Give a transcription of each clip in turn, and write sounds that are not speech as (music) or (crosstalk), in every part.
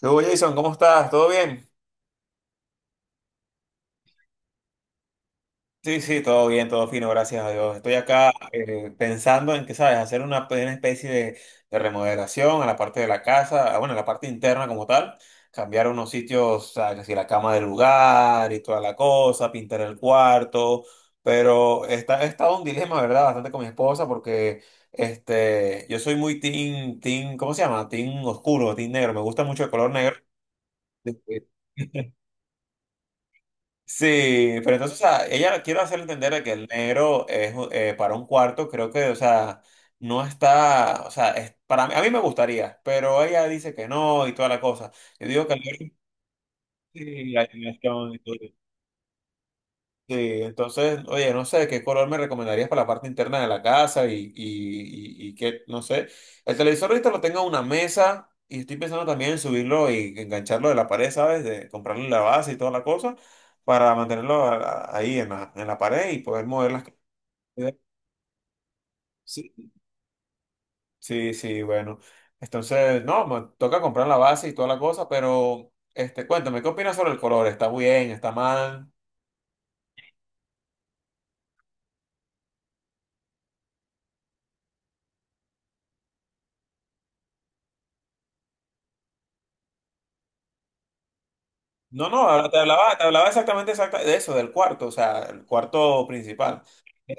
¿Qué hubo, Jason? ¿Cómo estás? ¿Todo bien? Sí, sí, todo bien, todo fino, gracias a Dios. Estoy acá pensando en que, ¿sabes? Hacer una especie de remodelación a la parte de la casa, ah, bueno, a la parte interna como tal. Cambiar unos sitios, ¿sabes? Así la cama del lugar y toda la cosa, pintar el cuarto. Pero he estado un dilema, ¿verdad? Bastante con mi esposa porque yo soy muy ¿cómo se llama? Team oscuro, team negro. Me gusta mucho el color negro. (laughs) Sí, pero entonces, o sea, ella quiero hacerle entender de que el negro es para un cuarto, creo que, o sea, no está, o sea, es, para mí, a mí me gustaría, pero ella dice que no y toda la cosa. Yo digo que el negro, sí, la animación y todo. Sí, entonces, oye, no sé qué color me recomendarías para la parte interna de la casa y qué, no sé. El televisor ahorita lo tengo en una mesa y estoy pensando también en subirlo y engancharlo de la pared, ¿sabes? De comprarle la base y toda la cosa para mantenerlo ahí en en la pared y poder mover las... Sí, sí, sí, bueno. Entonces, no, me toca comprar la base y toda la cosa, pero, cuéntame, ¿qué opinas sobre el color? ¿Está bien? ¿Está mal? No, no, ahora te hablaba exactamente de eso, del cuarto, o sea, el cuarto principal. Es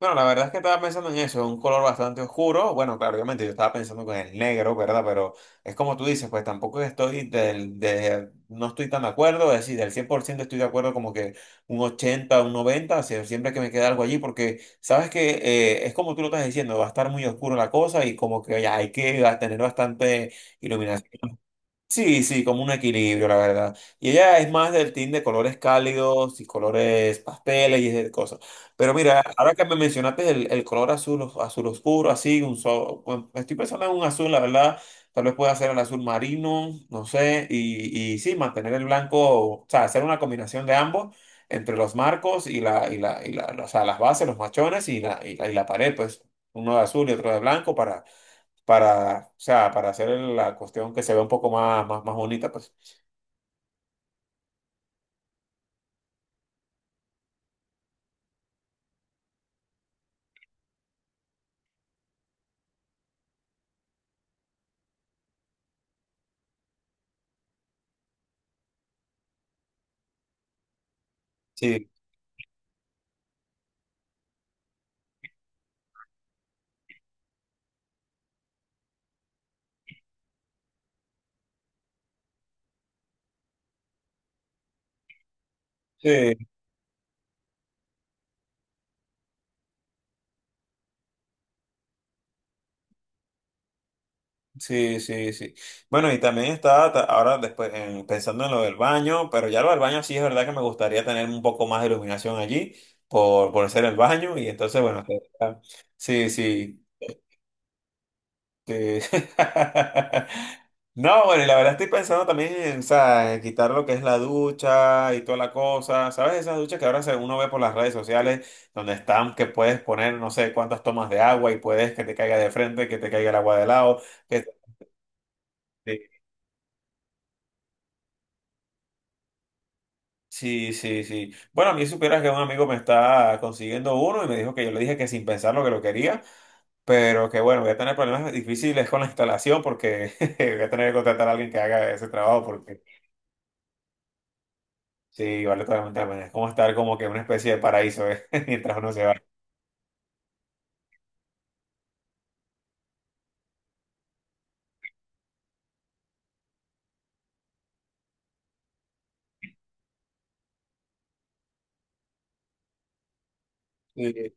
Bueno, la verdad es que estaba pensando en eso, un color bastante oscuro. Bueno, claro, obviamente yo estaba pensando con el negro, ¿verdad? Pero es como tú dices, pues tampoco estoy no estoy tan de acuerdo, es decir, del 100% estoy de acuerdo como que un 80, un 90. O sea, siempre que me queda algo allí, porque sabes que es como tú lo estás diciendo, va a estar muy oscuro la cosa y como que ya hay que tener bastante... iluminación. Sí, sí, como un equilibrio, la verdad. Y ella es más del team de colores cálidos y colores pasteles y esas cosas. Pero mira, ahora que me mencionaste el color azul, azul oscuro, así, bueno, estoy pensando en un azul, la verdad. Tal vez pueda ser el azul marino, no sé. Y sí, mantener el blanco, o sea, hacer una combinación de ambos entre los marcos y o sea, las bases, los machones y la pared, pues uno de azul y otro de blanco para, o sea, para hacer la cuestión que se vea un poco más bonita, pues. Sí, sí, sí, sí, sí. Bueno, y también estaba ta- ahora después en- pensando en lo del baño, pero ya lo del baño sí es verdad que me gustaría tener un poco más de iluminación allí por ser el baño y entonces, bueno, sí, sí. Sí. (laughs) No, bueno, y la verdad estoy pensando también en, o sea, en quitar lo que es la ducha y toda la cosa. ¿Sabes? Esas duchas uno ve por las redes sociales, donde están, que puedes poner no sé cuántas tomas de agua y puedes que te caiga de frente, que te caiga el agua de lado. Que te- Sí, sí, sí. Bueno, a mí supieras que un amigo me está consiguiendo uno y me dijo que yo le dije que sin pensarlo que lo quería, pero que bueno, voy a tener problemas difíciles con la instalación porque (laughs) voy a tener que contratar a alguien que haga ese trabajo. Sí, vale totalmente la pena. Es como estar como que en una especie de paraíso, ¿eh? (laughs) Mientras uno se va. Sí,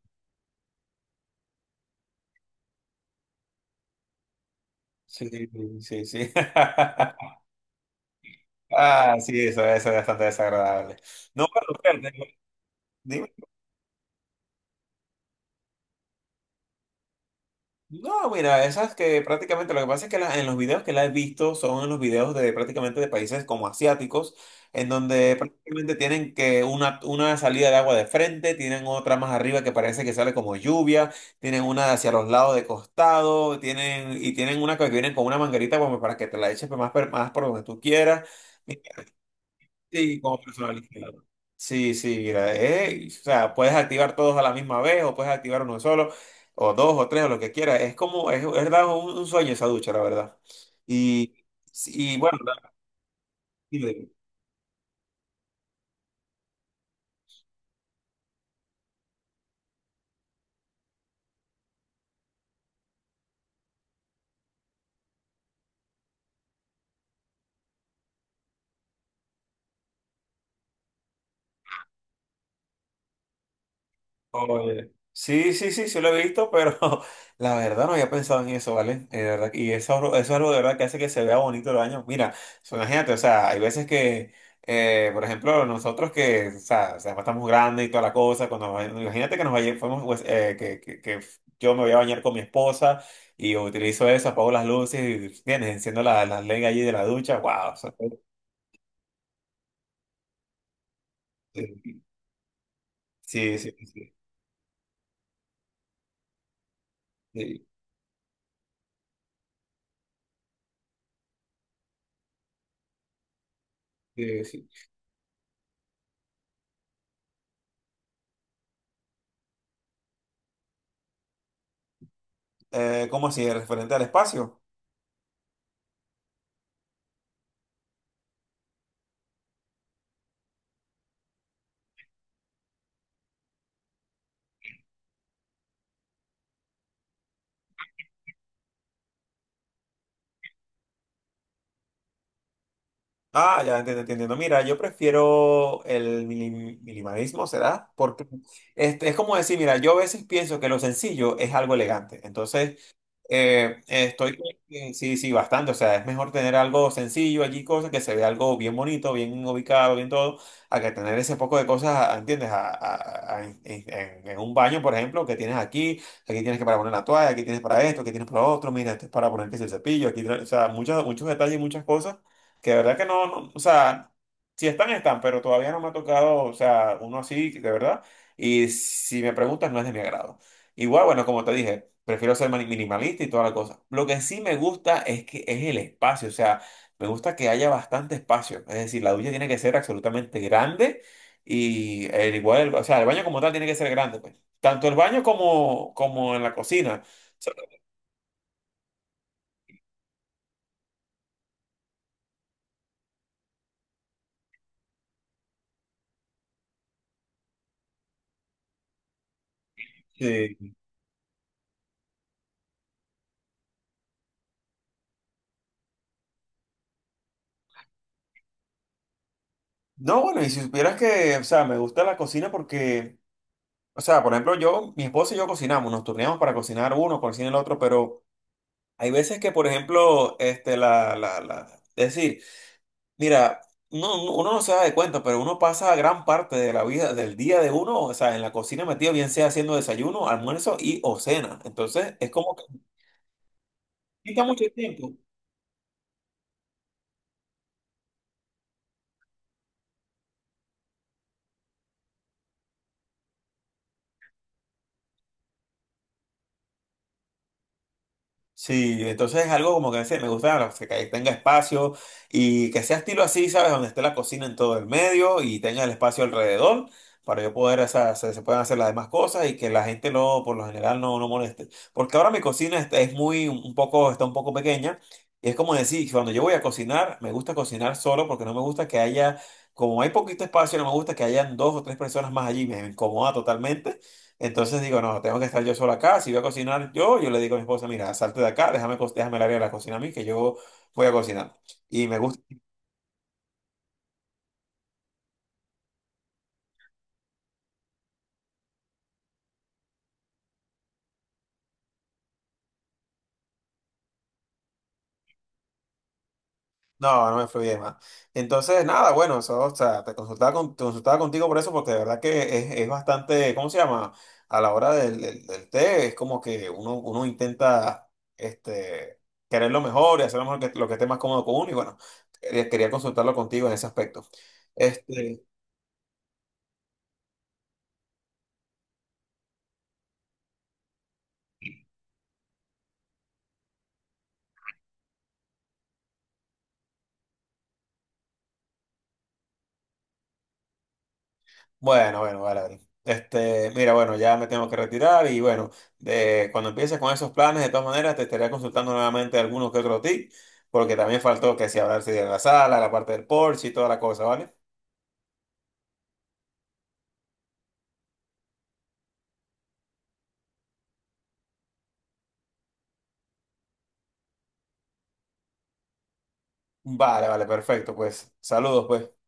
sí, sí, sí. (laughs) Ah, sí, eso es bastante desagradable. No, pero Fer, dime. No, mira, esas que prácticamente lo que pasa es que en los videos que la he visto son en los videos de prácticamente de países como asiáticos, en donde prácticamente tienen que una salida de agua de frente, tienen otra más arriba que parece que sale como lluvia, tienen una hacia los lados de costado, y tienen una que vienen con una manguerita como para que te la eches más por donde tú quieras. Sí, como personalizado. Sí, sí, mira, o sea, puedes activar todos a la misma vez o puedes activar uno solo o dos o tres o lo que quieras. Es verdad, un sueño esa ducha, la verdad. Y, y bueno, oye, sí, sí, sí, sí lo he visto, pero (laughs) la verdad no había pensado en eso, ¿vale? De verdad, y eso es algo de verdad que hace que se vea bonito el baño. Mira, so, imagínate, o sea, hay veces que, por ejemplo, nosotros que, o sea, estamos grandes y toda la cosa, imagínate que nos vaya- fuimos, pues, que yo me voy a bañar con mi esposa y utilizo eso, apago las luces y enciendo las la LED allí de la ducha, wow. O sí, sí, sí, sí, sí, sí. Sí. ¿Cómo así? ¿Referente al espacio? Ah, ya entiendo, entiendo. Entiendo. Mira, yo prefiero el minimalismo, ¿será? Porque es como decir, mira, yo a veces pienso que lo sencillo es algo elegante. Entonces, eh, estoy, sí, sí, bastante. O sea, es mejor tener algo sencillo allí, cosas que se vea algo bien bonito, bien ubicado, bien todo, a que tener ese poco de cosas, ¿entiendes? En un baño, por ejemplo, que tienes aquí, aquí tienes que para poner la toalla, aquí tienes para esto, aquí tienes para lo otro, mira, esto es para poner que si el cepillo, aquí, o sea, muchos detalles, muchas cosas que de verdad que no, no, o sea, si están, están, pero todavía no me ha tocado, o sea, uno así, de verdad. Y si me preguntas, no es de mi agrado. Igual, bueno, como te dije. Prefiero ser minimalista y toda la cosa. Lo que sí me gusta es que es el espacio, o sea, me gusta que haya bastante espacio. Es decir, la ducha tiene que ser absolutamente grande y el igual, o sea, el baño como tal tiene que ser grande, pues. Tanto el baño como, como en la cocina. O sea, eh, no, bueno, y si supieras que, o sea, me gusta la cocina porque, o sea, por ejemplo, yo, mi esposa y yo cocinamos, nos turneamos para cocinar uno, cocina el otro, pero hay veces que, por ejemplo, este, la, es decir, Mira, no, no- uno no se da de cuenta, pero uno pasa gran parte de la vida, del día de uno, o sea, en la cocina metido, bien sea haciendo desayuno, almuerzo y o cena. Entonces, es como que quita mucho tiempo. Sí, entonces es algo como que decía, me gusta que ahí tenga espacio y que sea estilo así, ¿sabes? Donde esté la cocina en todo el medio y tenga el espacio alrededor para yo poder, o sea, se puedan hacer las demás cosas y que la gente no, por lo general, no, no moleste. Porque ahora mi cocina es está un poco pequeña y es como decir, cuando yo voy a cocinar, me gusta cocinar solo porque no me gusta que haya, como hay poquito espacio, no me gusta que hayan dos o tres personas más allí, me incomoda totalmente. Entonces digo, no, tengo que estar yo solo acá. Si voy a cocinar yo, yo le digo a mi esposa, mira, salte de acá, déjame el área de la cocina a mí, que yo voy a cocinar. Y me gusta. No, no me fluye más. Entonces, nada, bueno, eso, o sea, te consultaba contigo por eso, porque de verdad que es bastante, ¿cómo se llama? A la hora del té, es como que uno intenta este, querer lo mejor y hacer lo mejor que, lo que esté más cómodo con uno. Y bueno, quería consultarlo contigo en ese aspecto. este Bueno, bueno, vale, vale. Este, mira, bueno, ya me tengo que retirar y bueno, de, cuando empieces con esos planes, de todas maneras, te estaré consultando nuevamente algunos que otros tips, porque también faltó que si hablarse de la sala, la parte del porche y toda la cosa, ¿vale? Vale, vale, perfecto, pues saludos, pues.